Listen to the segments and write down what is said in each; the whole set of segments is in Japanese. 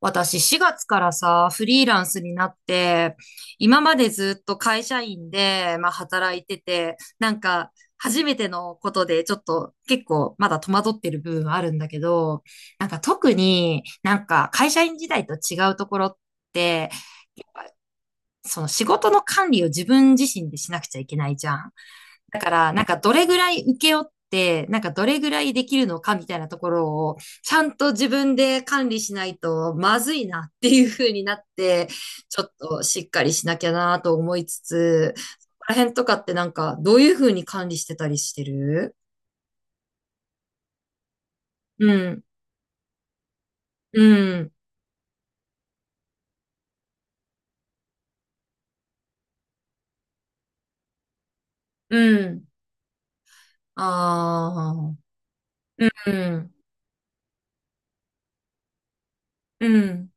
私4月からさ、フリーランスになって、今までずっと会社員で、まあ働いてて、なんか初めてのことでちょっと結構まだ戸惑ってる部分はあるんだけど、なんか特になんか会社員時代と違うところって、その仕事の管理を自分自身でしなくちゃいけないじゃん。だから、なんかどれぐらい請け負って、なんかどれぐらいできるのかみたいなところを、ちゃんと自分で管理しないとまずいなっていう風になって、ちょっとしっかりしなきゃなと思いつつ、そこら辺とかってなんかどういう風に管理してたりしてる？うん、うん、うん。ああ、うん、うん、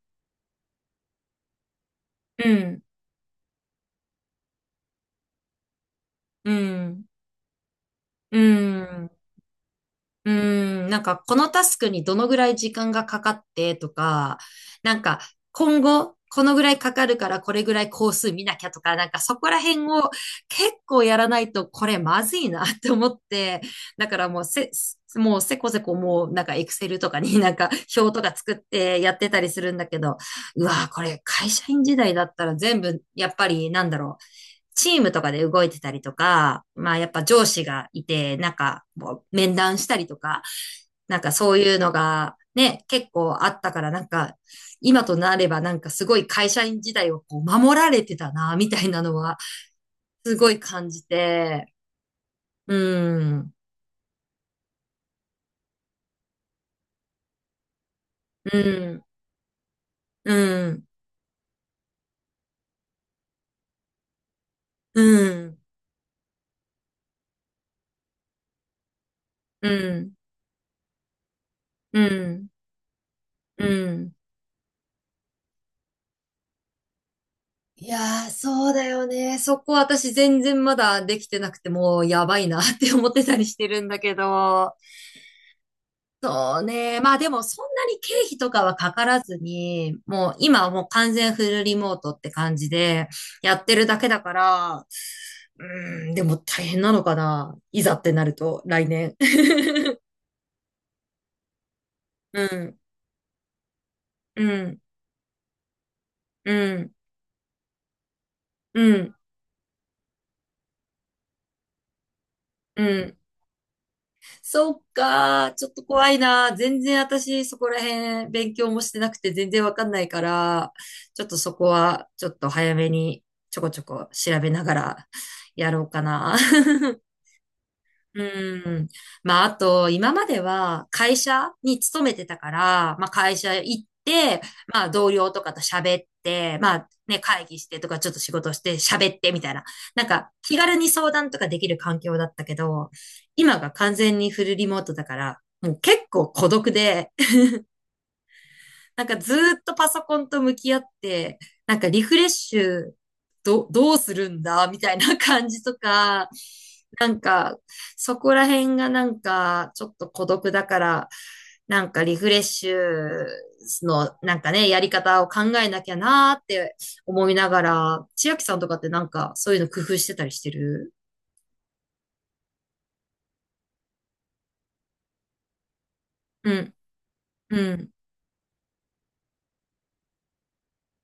うん、うん、うん。うーん、なんかこのタスクにどのぐらい時間がかかってとか、なんか今後このぐらいかかるからこれぐらい工数見なきゃとか、なんかそこら辺を結構やらないとこれまずいなって思って、だからもうせこせこもうなんかエクセルとかになんか表とか作ってやってたりするんだけど、うわーこれ会社員時代だったら全部やっぱりなんだろう。チームとかで動いてたりとか、まあやっぱ上司がいて、なんかもう面談したりとか、なんかそういうのがね、結構あったからなんか、今となればなんかすごい会社員時代をこう守られてたな、みたいなのはすごい感じて、うん、うん、うん、うん、うん、うん、うん。いやー、そうだよね。そこ私全然まだできてなくてもうやばいなって思ってたりしてるんだけど。そうね。まあでもそんなに経費とかはかからずに、もう今はもう完全フルリモートって感じでやってるだけだから、うーん、でも大変なのかな。いざってなると、来年。うん、うん、うん、うん、うん。そっか、ちょっと怖いな。全然私そこら辺勉強もしてなくて全然わかんないから、ちょっとそこはちょっと早めにちょこちょこ調べながらやろうかな。うん。まあ、あと、今までは会社に勤めてたから、まあ、会社行って、まあ、同僚とかと喋って、まあ、ね、会議してとか、ちょっと仕事して喋ってみたいな。なんか、気軽に相談とかできる環境だったけど、今が完全にフルリモートだから、もう結構孤独で、なんかずーっとパソコンと向き合って、なんかリフレッシュどうするんだみたいな感じとか、なんかそこら辺がなんかちょっと孤独だから、なんかリフレッシュのなんかね、やり方を考えなきゃなーって思いながら、千秋さんとかってなんかそういうの工夫してたりしてる？うん、うん、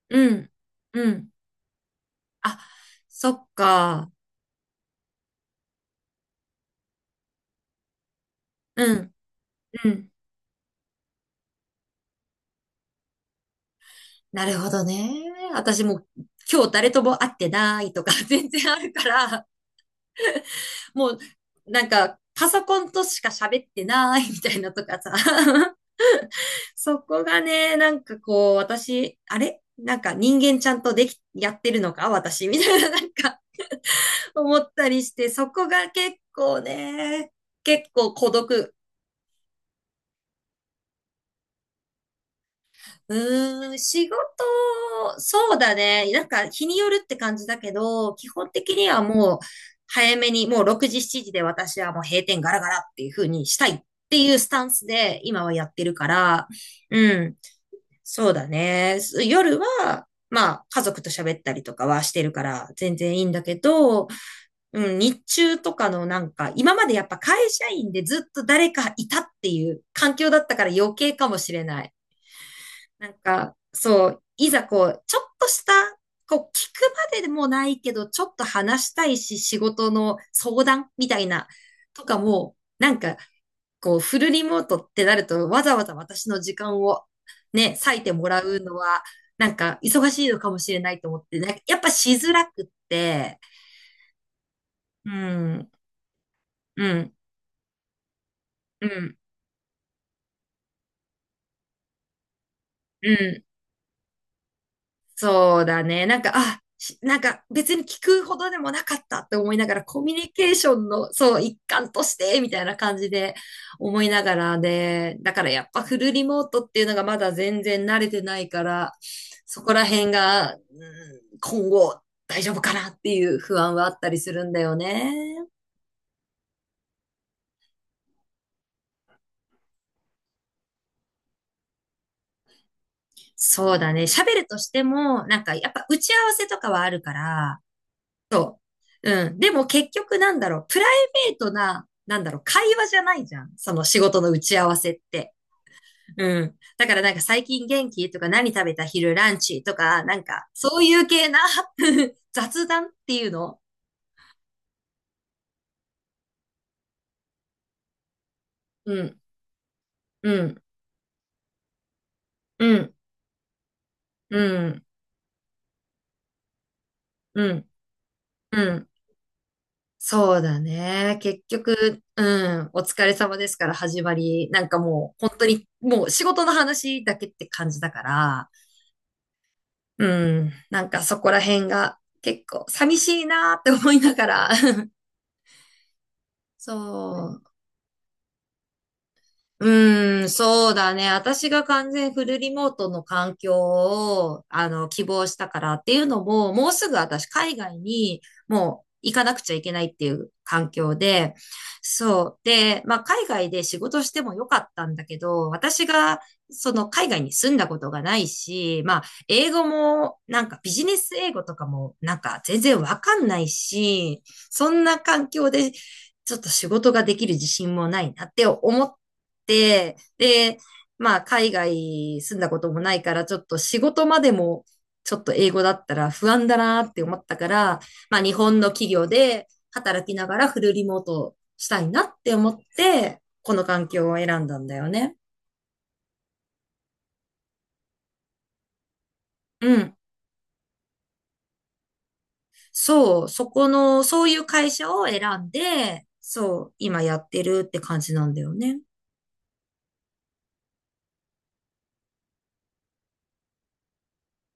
うん、うん。あ、そっか。うん、うん。なるほどね。私も今日誰とも会ってないとか 全然あるから、もうなんかパソコンとしか喋ってないみたいなとかさ。そこがね、なんかこう私、あれなんか人間ちゃんとやってるのか私みたいななんか思ったりして、そこが結構ね、結構孤独。うーん、仕事、そうだね。なんか日によるって感じだけど、基本的にはもう早めに、もう6時、7時で私はもう閉店ガラガラっていう風にしたいっていうスタンスで今はやってるから、うん、そうだね。夜は、まあ家族と喋ったりとかはしてるから全然いいんだけど、うん、日中とかのなんか、今までやっぱ会社員でずっと誰かいたっていう環境だったから余計かもしれない。なんか、そう、いざこう、ちょっとした、こう、聞くまででもないけど、ちょっと話したいし、仕事の相談みたいな、とかも、なんか、こう、フルリモートってなると、わざわざ私の時間をね、割いてもらうのは、なんか、忙しいのかもしれないと思って、なんかやっぱしづらくって、うん、うん、うん、うん、そうだね。なんか、あ、なんか別に聞くほどでもなかったって思いながら、コミュニケーションの、そう、一環として、みたいな感じで思いながらで、だからやっぱフルリモートっていうのがまだ全然慣れてないから、そこら辺が、うん今後大丈夫かなっていう不安はあったりするんだよね。そうだね。喋るとしても、なんかやっぱ打ち合わせとかはあるから、そう。うん。でも結局なんだろう、プライベートな、なんだろう、会話じゃないじゃん。その仕事の打ち合わせって。うん。だからなんか最近元気とか何食べた昼ランチとか、なんかそういう系な 雑談っていうの。うん、うん、うん、うん、うん、うん。そうだね。結局、うん、お疲れ様ですから始まり、なんかもう本当にもう仕事の話だけって感じだから、うん。なんかそこら辺が結構寂しいなーって思いながら そう、うーん、そうだね。私が完全フルリモートの環境を、希望したからっていうのも、もうすぐ私海外にもう行かなくちゃいけないっていう環境で、そう。で、まあ、海外で仕事してもよかったんだけど、私がその海外に住んだことがないし、まあ、英語もなんかビジネス英語とかもなんか全然わかんないし、そんな環境でちょっと仕事ができる自信もないなって思っ、で、まあ、海外住んだこともないから、ちょっと仕事までも、ちょっと英語だったら不安だなって思ったから、まあ、日本の企業で働きながらフルリモートしたいなって思って、この環境を選んだんだよね。うん。そう、そこの、そういう会社を選んで、そう、今やってるって感じなんだよね。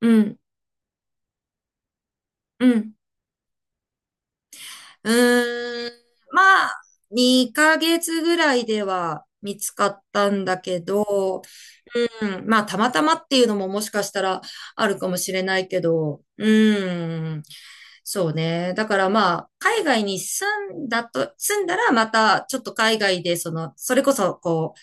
うん、うん。うーん、まあ、2ヶ月ぐらいでは見つかったんだけど、うん、まあ、たまたまっていうのももしかしたらあるかもしれないけど、うん、そうね。だからまあ、海外に住んだらまたちょっと海外で、その、それこそ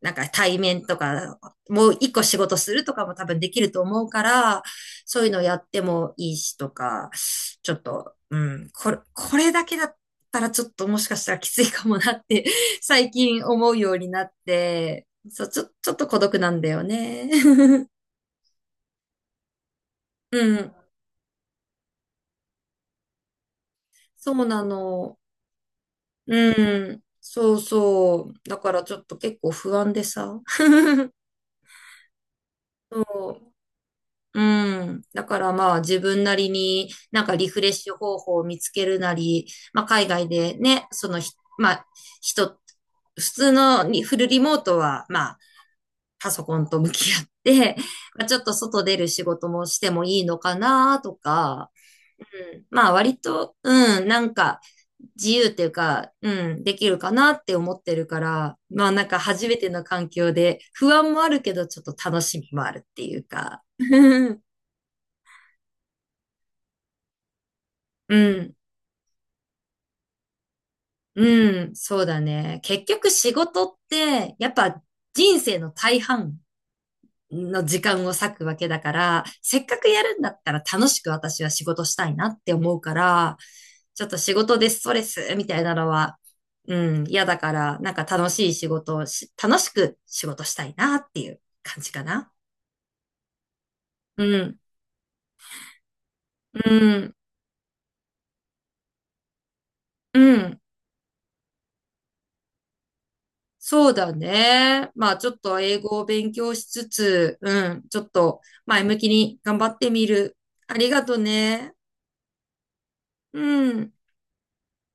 なんか対面とか、もう一個仕事するとかも多分できると思うから、そういうのやってもいいしとか、ちょっと、うん、これだけだったらちょっともしかしたらきついかもなって 最近思うようになって、そう、ちょっと孤独なんだよね。うん、そうなの。うん、そうそう。だからちょっと結構不安でさ。うん。だからまあ自分なりになんかリフレッシュ方法を見つけるなり、まあ海外でね、そのひ、まあ人、普通のリフルリモートはまあパソコンと向き合って、まあ、ちょっと外出る仕事もしてもいいのかなとか、うん、まあ割と、うん、なんか自由っていうか、うん、できるかなって思ってるから、まあなんか初めての環境で不安もあるけどちょっと楽しみもあるっていうか。うん、うん、そうだね。結局仕事って、やっぱ人生の大半の時間を割くわけだから、せっかくやるんだったら楽しく私は仕事したいなって思うから、ちょっと仕事でストレスみたいなのは、うん、嫌だから、なんか楽しい仕事をし、楽しく仕事したいなっていう感じかな。うん、うん、うん。そうだね。まあちょっと英語を勉強しつつ、うん、ちょっと前向きに頑張ってみる。ありがとね。うん。